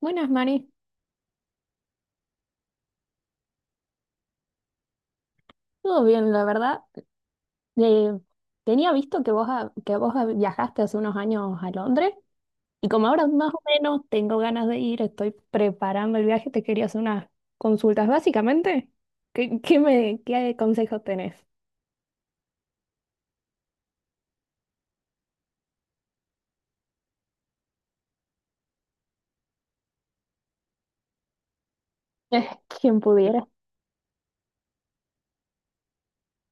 Buenas, Mari. Todo bien, la verdad. Eh, Tenía visto que vos viajaste hace unos años a Londres y como ahora más o menos tengo ganas de ir, estoy preparando el viaje, te quería hacer unas consultas. Básicamente, ¿qué consejos tenés? ¿Quién pudiera?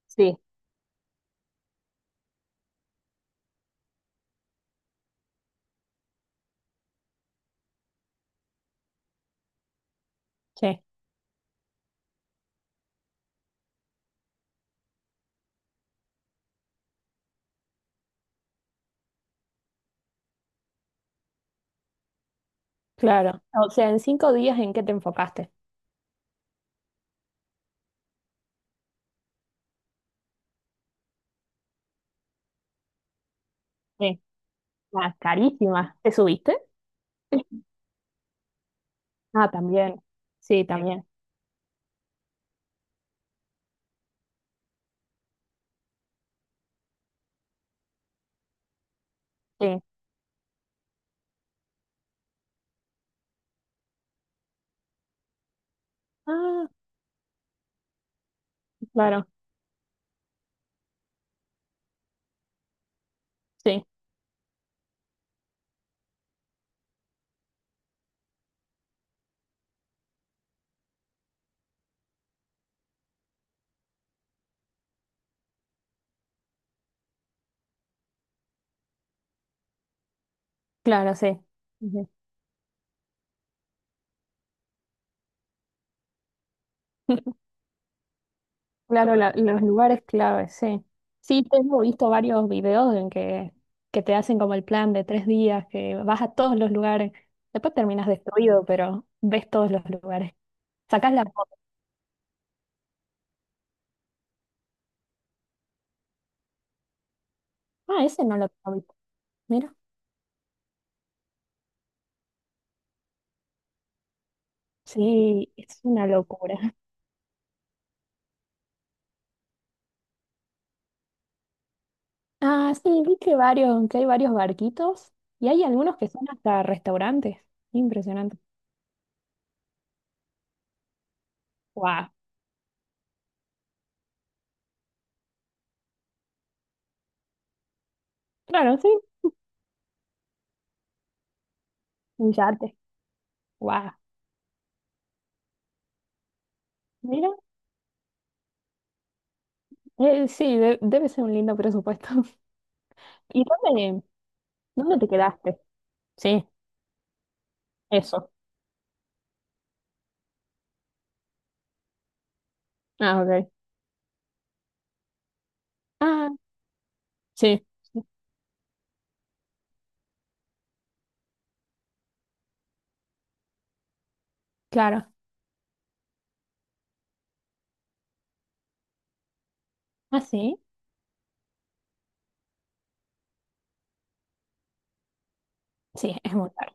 Sí, sí, claro. O sea, en 5 días, ¿en qué te enfocaste? Sí. Ah, carísima. ¿Te subiste? Ah, también. Sí, sí, también. Sí. Ah, claro. Sí, claro, sí. Ujú. Claro, los lugares clave, sí. Sí, tengo visto varios videos en que te hacen como el plan de 3 días, que vas a todos los lugares. Después terminas destruido, pero ves todos los lugares. Sacás la foto. Ah, ese no lo tengo visto. Mira. Sí, es una locura. Ah, sí, vi que varios barquitos y hay algunos que son hasta restaurantes. Impresionante. Guau. Claro, sí. Un yate. Guau. Mira. Sí, debe ser un lindo presupuesto. ¿Y dónde? ¿Dónde te quedaste? Sí, eso. Ah, ok. Ah, sí, claro. Ah, sí. Sí, es muy caro.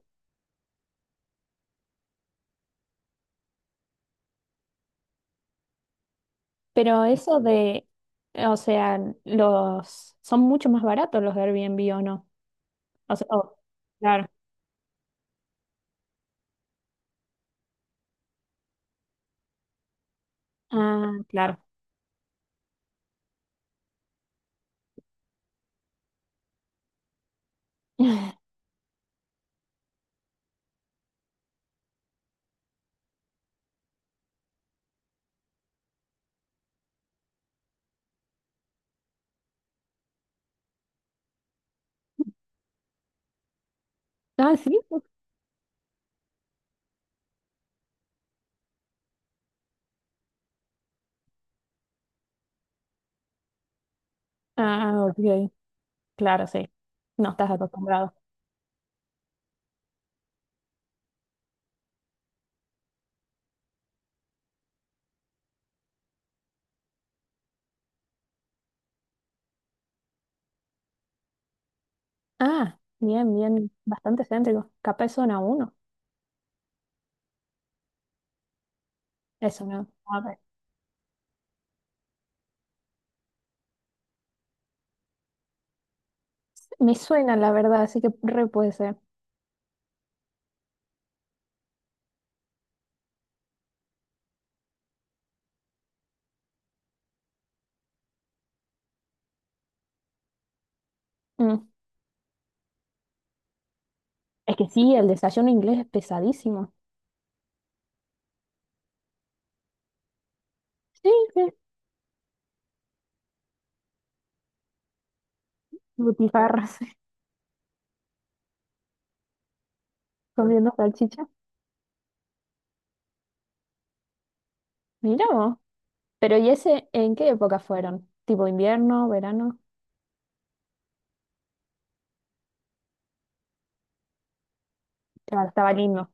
Pero eso de, o sea, los son mucho más baratos los Airbnb o no. O sea, oh, claro. Ah, claro. Ah, sí. Ah, ok. Claro, sí. No estás acostumbrado. Ah, bien, bien. Bastante céntrico. Capaz zona 1. Eso no. A ver. Me suena, la verdad, así que re puede ser. Mm. Es que sí, el desayuno inglés es pesadísimo. Sí, sí, butifarras comiendo salchicha. Mira vos. Pero ¿y ese en qué época fueron? ¿Tipo invierno, verano? Claro, estaba lindo.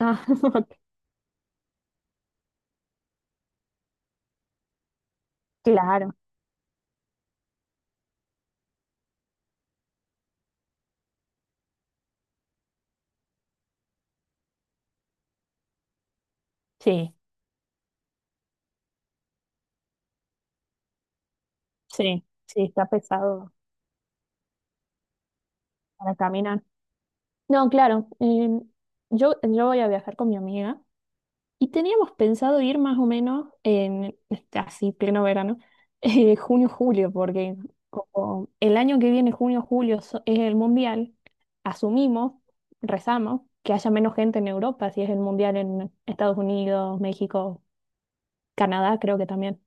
Ah, ok. Claro. Sí, sí, sí, está pesado para caminar. No, claro. Yo voy a viajar con mi amiga. Y teníamos pensado ir más o menos en, este, así, pleno verano, junio-julio, porque como el año que viene, junio-julio, es el mundial, asumimos, rezamos, que haya menos gente en Europa, si es el mundial en Estados Unidos, México, Canadá, creo que también.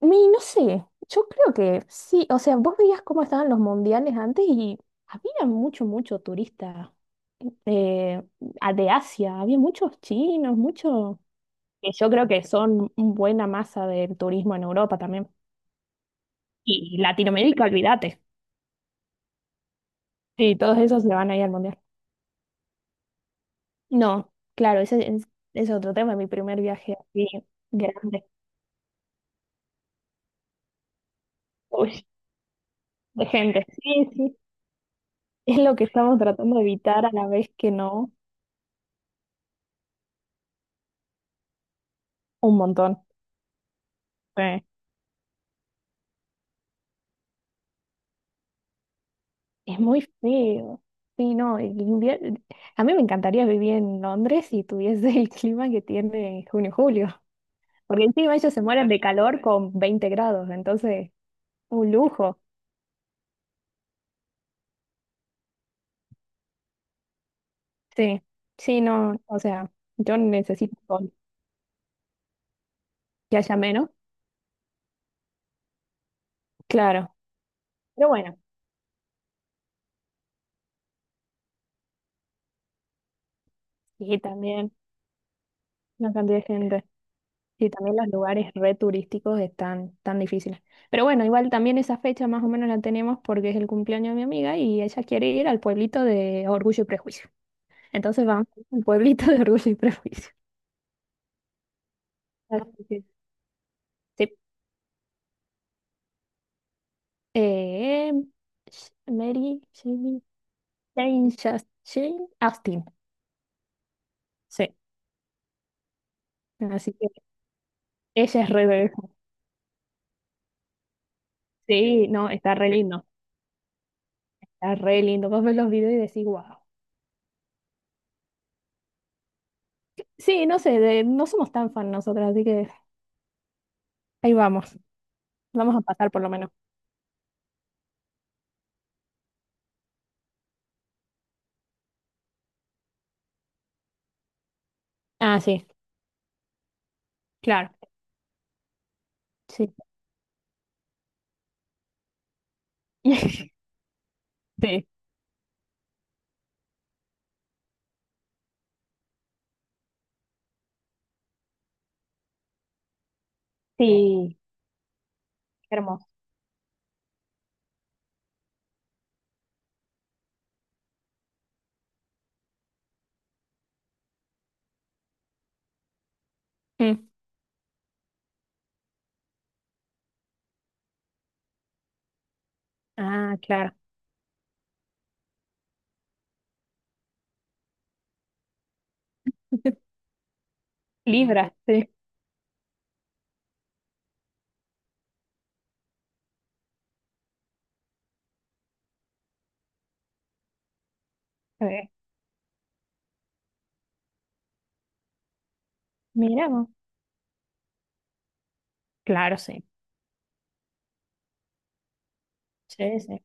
No sé, yo creo que sí, o sea, vos veías cómo estaban los mundiales antes y había mucho, mucho turista eh, de Asia, había muchos chinos, muchos que yo creo que son buena masa del turismo en Europa también. Y Latinoamérica, olvídate. Sí, todos esos se van a ir al mundial. No, claro, ese es otro tema, mi primer viaje así grande, uy, de gente. Sí, sí, es lo que estamos tratando de evitar a la vez que no, un montón. Sí. Es muy frío. Sí, no, el invierno... A mí me encantaría vivir en Londres si tuviese el clima que tiene en junio, julio. Porque encima ellos se mueren de calor con 20 grados, entonces un lujo, sí. Sí, no, o sea, yo necesito sol, que haya menos, claro. Pero bueno, y también la cantidad de gente. Y también los lugares re turísticos están tan difíciles. Pero bueno, igual también esa fecha más o menos la tenemos porque es el cumpleaños de mi amiga y ella quiere ir al pueblito de Orgullo y Prejuicio. Entonces vamos al pueblito de Orgullo y Prejuicio. Así que, sí. Eh, Mary, Jamie, Jane, Jane Austen. Sí. Así que ella es re Sí, no, está re lindo, está re lindo. Vos ves los videos y decís, wow. Sí, no sé, no somos tan fan nosotras, así que ahí vamos. Vamos a pasar por lo menos. Ah, sí, claro, sí. Sí, sí, qué hermoso. Mm. Ah, claro. Libra, sí. Eh, Mira vos. Claro, sí. Sí, sí.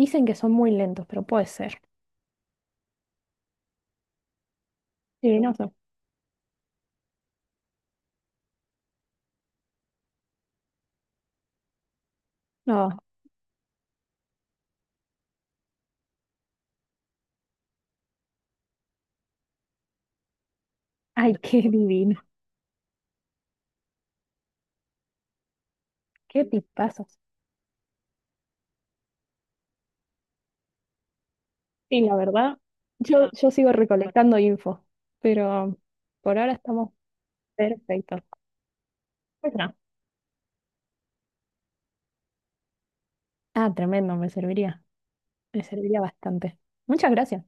Dicen que son muy lentos, pero puede ser. Sí, no sé. No. Ay, qué divino. Qué tipazos. Sí, la verdad. Yo sigo recolectando info, pero por ahora estamos perfecto. Pues no. Ah, tremendo, me serviría. Me serviría bastante. Muchas gracias.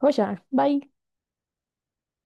Joya, bye.